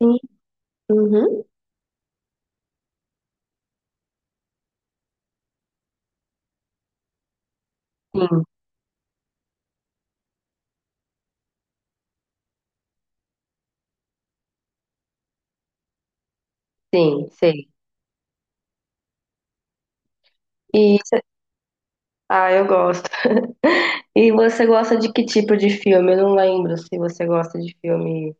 Sim, uhum. Sim, sim, sei. E cê- ah, eu gosto. E você gosta de que tipo de filme? Eu não lembro se você gosta de filme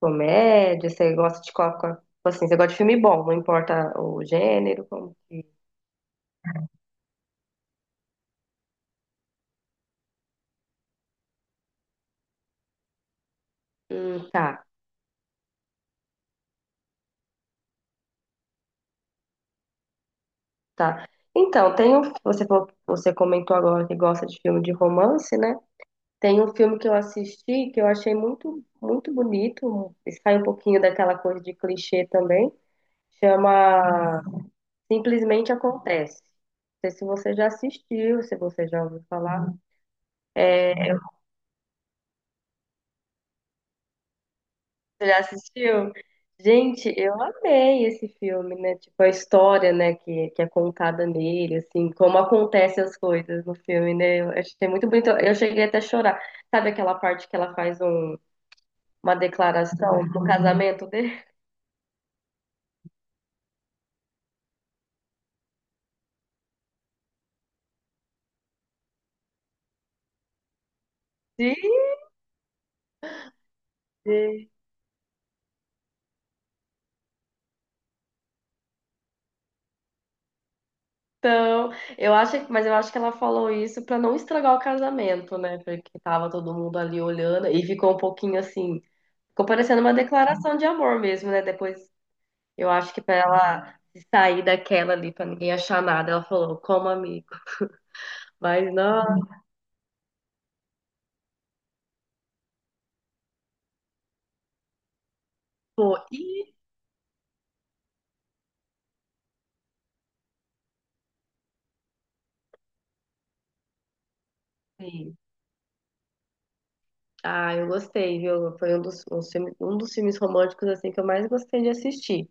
comédia, você gosta de tipo assim, você gosta de filme bom, não importa o gênero, como. Hum, tá, tá. Então, tem um, você comentou agora que gosta de filme de romance, né? Tem um filme que eu assisti que eu achei muito bonito, sai um pouquinho daquela coisa de clichê também. Chama Simplesmente acontece. Não sei se você já assistiu, se você já ouviu falar. É, você já assistiu? Gente, eu amei esse filme, né? Tipo, a história, né, que é contada nele, assim, como acontecem as coisas no filme, né? Eu achei muito bonito. Eu cheguei até a chorar. Sabe aquela parte que uma declaração do casamento dele? Sim. Então, eu acho, mas eu acho que ela falou isso pra não estragar o casamento, né? Porque tava todo mundo ali olhando e ficou um pouquinho assim. Ficou parecendo uma declaração de amor mesmo, né? Depois, eu acho que pra ela se sair daquela ali, pra ninguém achar nada, ela falou, como amigo. Mas não, pô, e... e- ah, eu gostei, viu? Foi um um dos filmes românticos, assim, que eu mais gostei de assistir.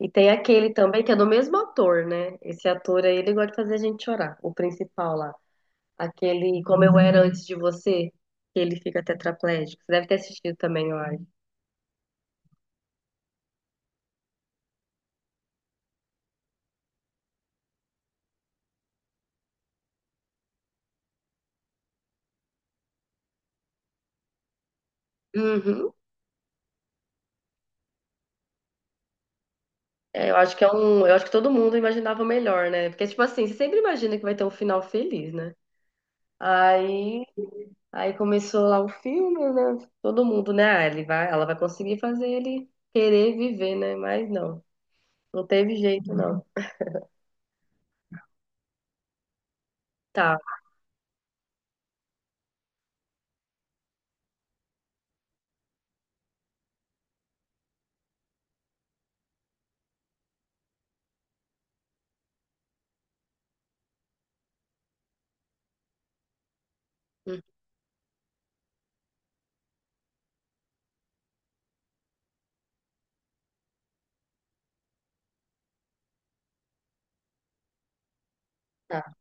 E tem aquele também, que é do mesmo ator, né? Esse ator aí, ele gosta de fazer a gente chorar, o principal lá. Aquele Como Eu Era Antes de Você, que ele fica tetraplégico. Você deve ter assistido também, eu acho. Uhum. É, eu acho que é um, eu acho que todo mundo imaginava melhor, né? Porque tipo assim, você sempre imagina que vai ter um final feliz, né? Aí, aí começou lá o filme, né? Todo mundo, né? Ah, ele vai, ela vai conseguir fazer ele querer viver, né? Mas não, não teve jeito, não. Tá, hum, tá.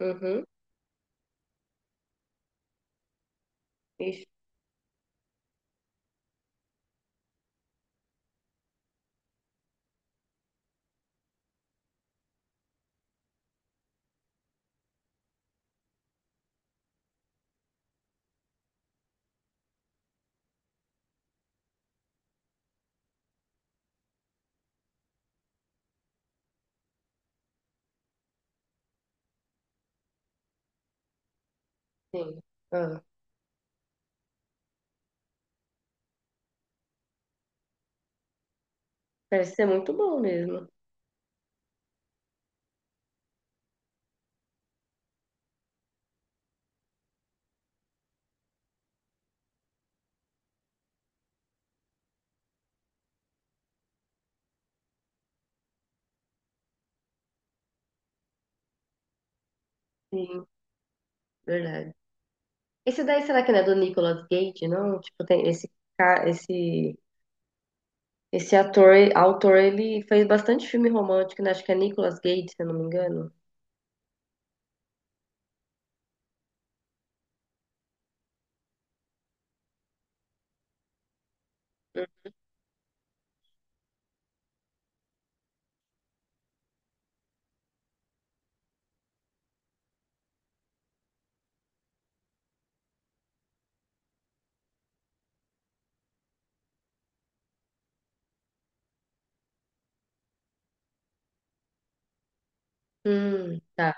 Uhum. Ixi, sim. Ah, parece ser muito bom mesmo. Sim, verdade. Esse daí, será que não é do Nicolas Cage, não? Tipo, tem esse cara, esse esse ator, autor, ele fez bastante filme romântico, né? Acho que é Nicolas Cage, se eu não me engano. Tá,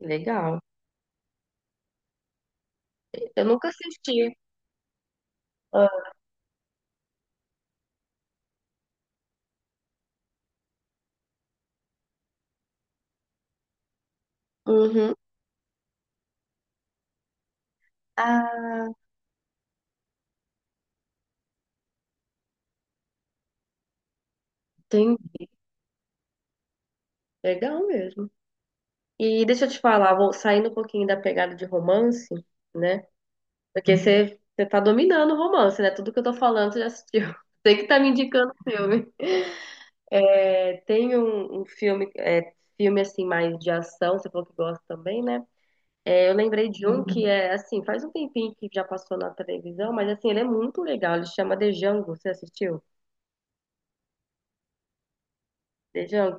legal. Eu nunca assisti. Ah, uhum. Ah, tem. Legal mesmo. E deixa eu te falar, vou saindo um pouquinho da pegada de romance, né? Porque você tá dominando o romance, né? Tudo que eu tô falando você já assistiu. Você que tá me indicando o filme. É, tem um filme, é, filme assim mais de ação, você falou que gosta também, né? É, eu lembrei de um que é assim, faz um tempinho que já passou na televisão, mas assim, ele é muito legal. Ele chama The Django. Você assistiu? The Django.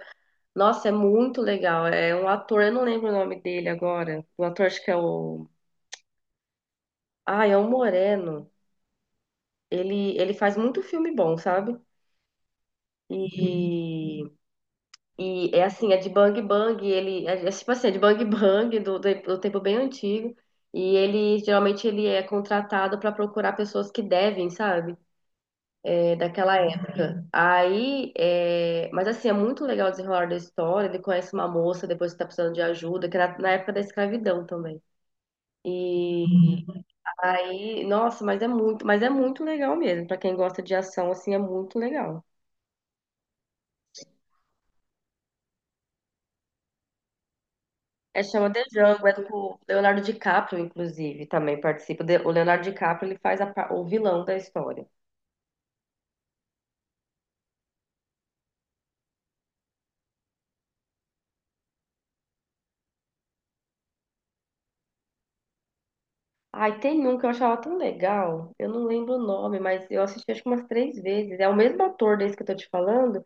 Nossa, é muito legal. É um ator, eu não lembro o nome dele agora. O ator acho que é o. Ah, é o Moreno. Ele faz muito filme bom, sabe? E, e é assim, é de Bang Bang. É tipo assim, é de Bang Bang do tempo bem antigo. E ele geralmente ele é contratado para procurar pessoas que devem, sabe? É, daquela época. Aí, é, mas assim, é muito legal o desenrolar da história. Ele conhece uma moça depois que tá precisando de ajuda, que era na época da escravidão também. E uhum. Aí, nossa, mas é muito legal mesmo. Pra quem gosta de ação, assim, é muito legal. É chama The Jungle, é do Leonardo DiCaprio, inclusive, também participa. O Leonardo DiCaprio, ele faz o vilão da história. Ai, tem um que eu achava tão legal. Eu não lembro o nome, mas eu assisti acho que umas três vezes. É o mesmo ator desse que eu tô te falando.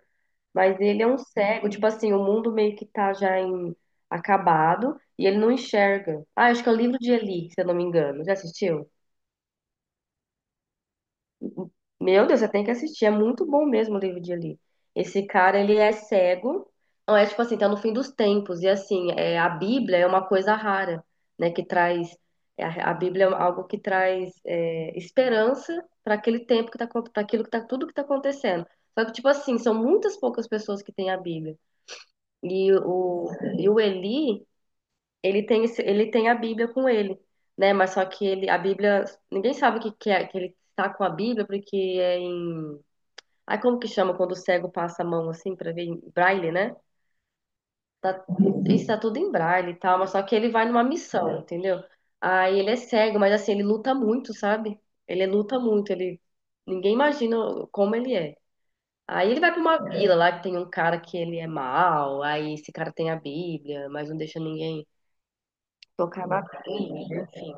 Mas ele é um cego, tipo assim, o mundo meio que tá já em acabado e ele não enxerga. Ah, acho que é o livro de Eli, se eu não me engano. Já assistiu? Meu Deus, você tem que assistir, é muito bom mesmo o livro de Eli. Esse cara, ele é cego, não é tipo assim, tá no fim dos tempos e assim, é, a Bíblia é uma coisa rara, né, que traz é, a Bíblia é algo que traz é, esperança para aquele tempo que tá, para aquilo que tá, tudo que tá acontecendo. Só que, tipo assim, são muitas poucas pessoas que têm a Bíblia. E o, e o Eli, ele tem, ele tem a Bíblia com ele, né? Mas só que ele, a Bíblia, ninguém sabe que é, que ele tá com a Bíblia, porque é em. Ai, como que chama quando o cego passa a mão assim pra ver em braille, né? Tá, isso tá tudo em braille e tal, mas só que ele vai numa missão, entendeu? Aí ele é cego, mas assim, ele luta muito, sabe? Ele luta muito, ele. Ninguém imagina como ele é. Aí ele vai pra uma vila lá que tem um cara que ele é mau, aí esse cara tem a Bíblia, mas não deixa ninguém tocar na Bíblia, enfim.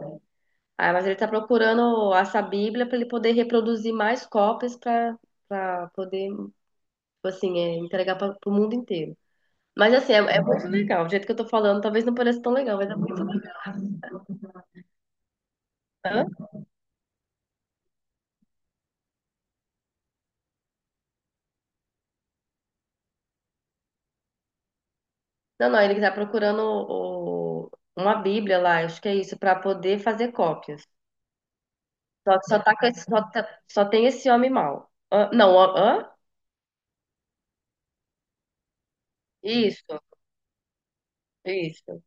Ah, mas ele está procurando essa Bíblia para ele poder reproduzir mais cópias para para poder, tipo assim, é, entregar para o mundo inteiro. Mas assim, é, é muito legal. O jeito que eu tô falando, talvez não pareça tão legal, mas é muito legal. Hã? Não, não, ele está procurando uma Bíblia lá, acho que é isso, para poder fazer cópias. Tá com só tem esse homem mau. Hã? Não, hã? Hã? Isso, isso.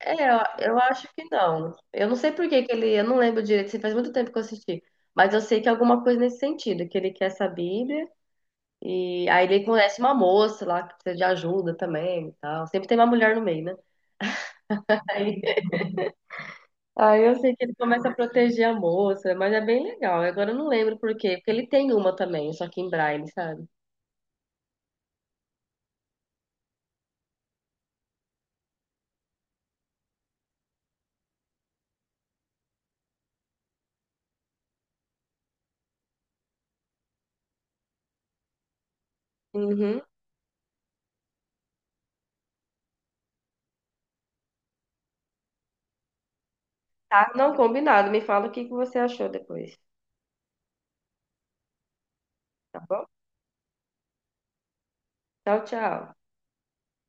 É, eu acho que não. Eu não sei por que que ele, eu não lembro direito, assim, faz muito tempo que eu assisti, mas eu sei que é alguma coisa nesse sentido, que ele quer essa Bíblia e aí ele conhece uma moça lá que precisa de ajuda também e tal. Sempre tem uma mulher no meio, né? Aí, aí eu sei que ele começa a proteger a moça, mas é bem legal. Agora eu não lembro por quê, porque ele tem uma também, só que em Braille, sabe? Uhum. Tá, não combinado. Me fala o que que você achou depois, tá bom? Tchau, tchau.